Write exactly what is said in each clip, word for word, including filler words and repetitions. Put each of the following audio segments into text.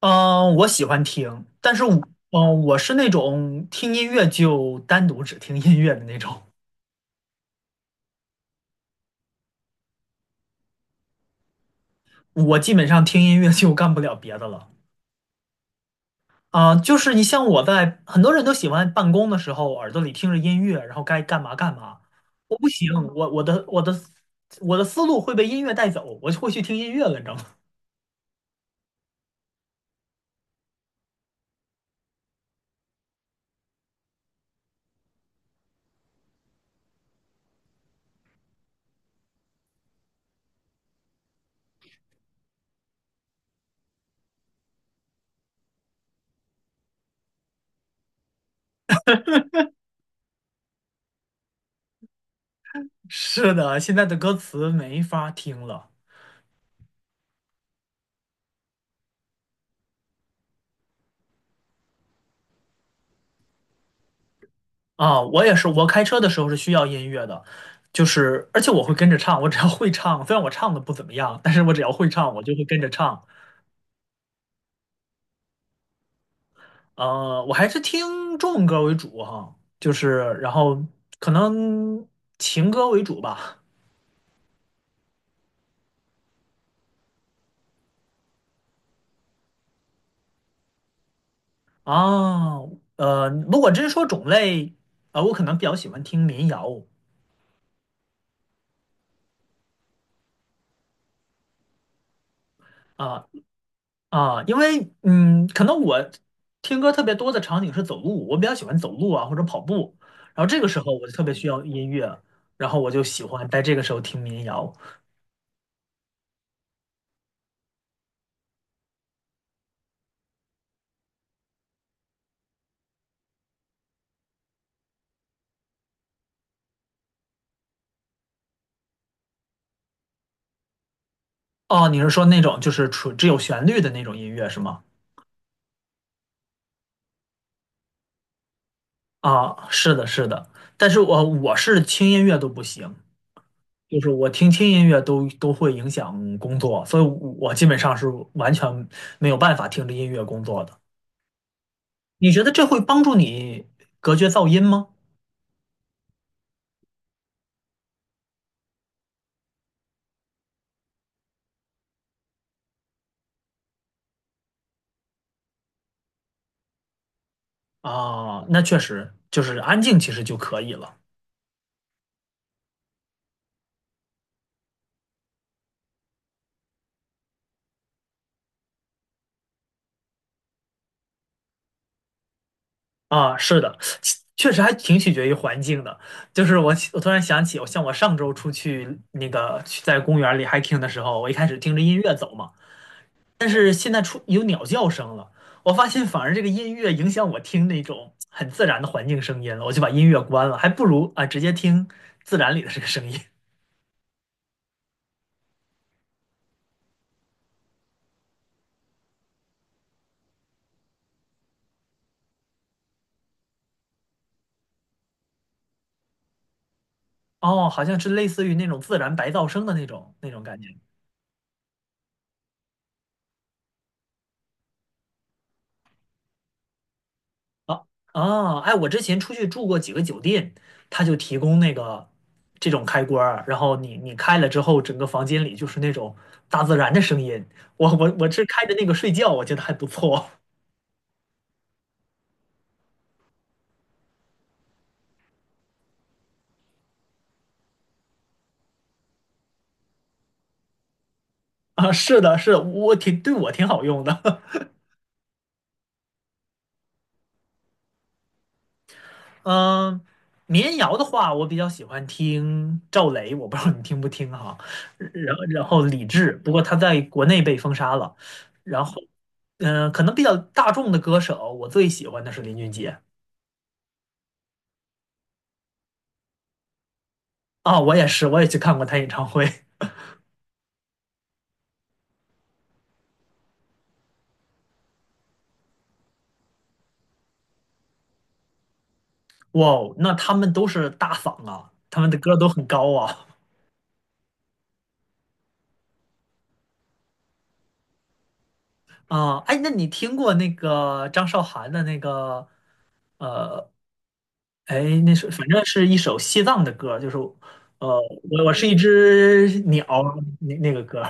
嗯，我喜欢听，但是我，嗯，我是那种听音乐就单独只听音乐的那种，我基本上听音乐就干不了别的了。啊，就是你像我在，很多人都喜欢办公的时候耳朵里听着音乐，然后该干嘛干嘛。我不行，我我的我的我的思路会被音乐带走，我就会去听音乐了，你知道吗？是的，现在的歌词没法听了。啊，我也是，我开车的时候是需要音乐的，就是而且我会跟着唱，我只要会唱，虽然我唱的不怎么样，但是我只要会唱，我就会跟着唱。呃，我还是听中文歌为主哈，就是然后可能情歌为主吧。啊，呃，如果真说种类，啊，我可能比较喜欢听民谣啊，啊，因为嗯，可能我听歌特别多的场景是走路，我比较喜欢走路啊或者跑步，然后这个时候我就特别需要音乐，然后我就喜欢在这个时候听民谣。哦，你是说那种就是纯只有旋律的那种音乐是吗？啊，是的，是的，但是我我是轻音乐都不行，就是我听轻音乐都都会影响工作，所以我基本上是完全没有办法听着音乐工作的。你觉得这会帮助你隔绝噪音吗？啊，那确实就是安静，其实就可以了啊。是的，其确实还挺取决于环境的。就是我我突然想起，我像我上周出去那个去在公园里 h 听的时候，我一开始听着音乐走嘛，但是现在出有鸟叫声了，我发现反而这个音乐影响我听那种很自然的环境声音了，我就把音乐关了，还不如啊直接听自然里的这个声音。哦，好像是类似于那种自然白噪声的那种那种感觉。啊啊！哎，我之前出去住过几个酒店，他就提供那个这种开关儿然后你你开了之后，整个房间里就是那种大自然的声音。我我我是开着那个睡觉，我觉得还不错 啊。是的，是的我挺对我挺好用的。嗯，民谣的话，我比较喜欢听赵雷，我不知道你听不听哈。然后然后李志，不过他在国内被封杀了。然后，嗯、可能比较大众的歌手，我最喜欢的是林俊杰。啊，我也是，我也去看过他演唱会。哇哦，那他们都是大嗓啊，他们的歌都很高啊。啊，哎，那你听过那个张韶涵的那个呃，哎，那是反正是一首西藏的歌，就是呃，我我是一只鸟那那个歌。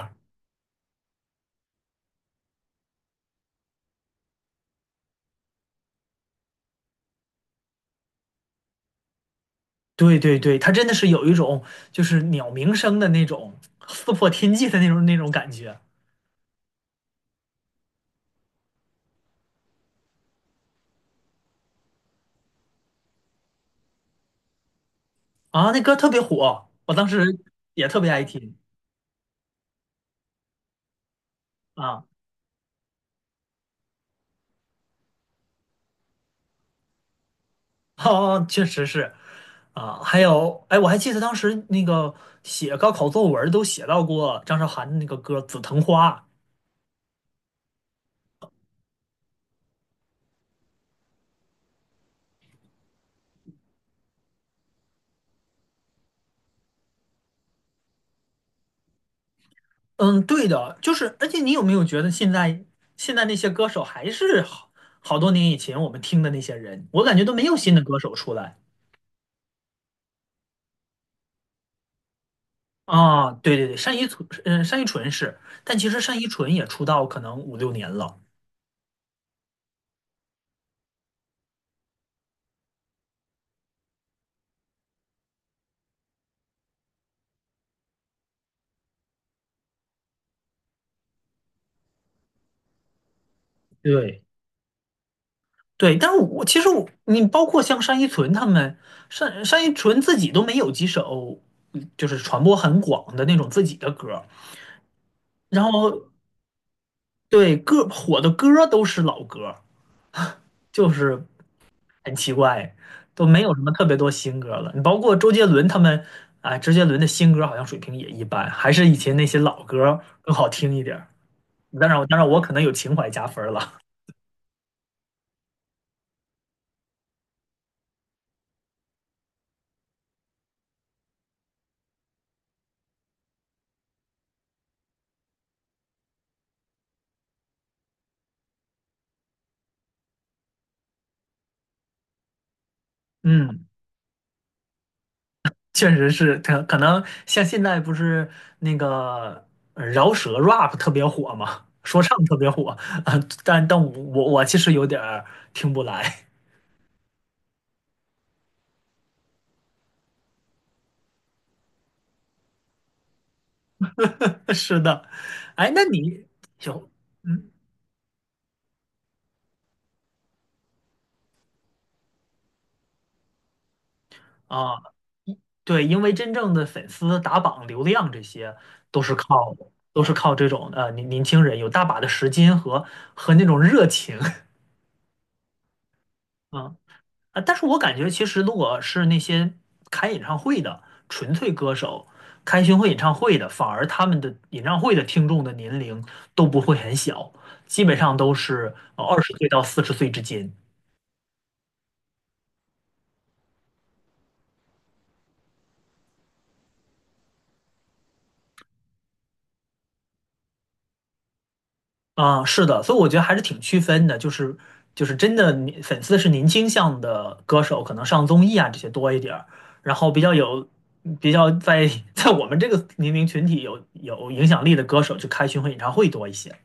对对对，它真的是有一种就是鸟鸣声的那种撕破天际的那种那种感觉啊，那歌特别火，我当时也特别爱听。啊。哦，确实是，啊，还有，哎，我还记得当时那个写高考作文儿都写到过张韶涵的那个歌《紫藤花》。嗯，对的，就是，而且你有没有觉得现在现在那些歌手还是好好多年以前我们听的那些人，我感觉都没有新的歌手出来啊。对对对，单依纯，嗯，单依纯是，但其实单依纯也出道可能五六年了。对。对，但是我其实我你包括像单依纯他们，单单依纯自己都没有几首，嗯就是传播很广的那种自己的歌儿然后对歌火的歌儿都是老歌儿就是很奇怪，都没有什么特别多新歌了。你包括周杰伦他们，啊、周杰伦的新歌好像水平也一般，还是以前那些老歌儿更好听一点儿。当然，当然我可能有情怀加分儿了。嗯确实是，可可能像现在不是那个呃饶舌 rap 特别火嘛，说唱特别火啊，但但我我我其实有点儿听不来。是的，哎，那你有嗯啊，对，因为真正的粉丝打榜、流量这些都是靠都是靠这种呃年年轻人有大把的时间和和那种热情。啊，但是我感觉其实如果是那些开演唱会的纯粹歌手，开巡回演唱会的，反而他们的演唱会的听众的年龄都不会很小，基本上都是呃二十岁到四十岁之间。啊，是的，所以我觉得还是挺区分的，就是就是真的你粉丝是年轻向的歌手，可能上综艺啊这些多一点儿，然后比较有比较在 在我们这个年龄群体有有影响力的歌手，就开巡回演唱会多一些。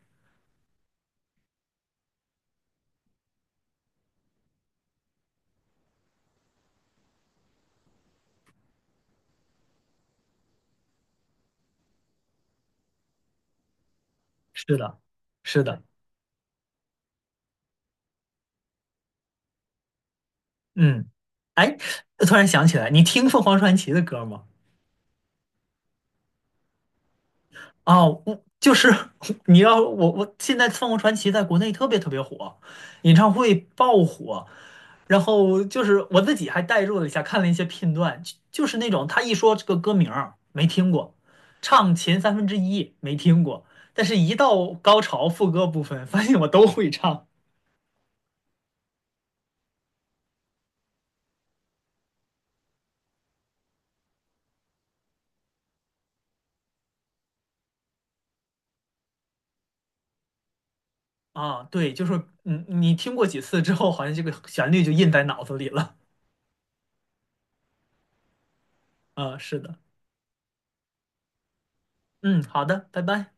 是的，是的。嗯，哎，突然想起来，你听凤凰传奇的歌吗？啊，我就是 你要我我现在凤凰传奇在国内特别特别火，演唱会爆火，然后就是我自己还代入了一下，看了一些片段，就就是那种他一说这个歌名儿没听过，唱前三分之一没听过，但是一到高潮副歌部分，发现我都会唱啊，对，就是嗯，你听过几次之后，好像这个旋律就印在脑子里了，啊，是的。嗯，好的，拜拜。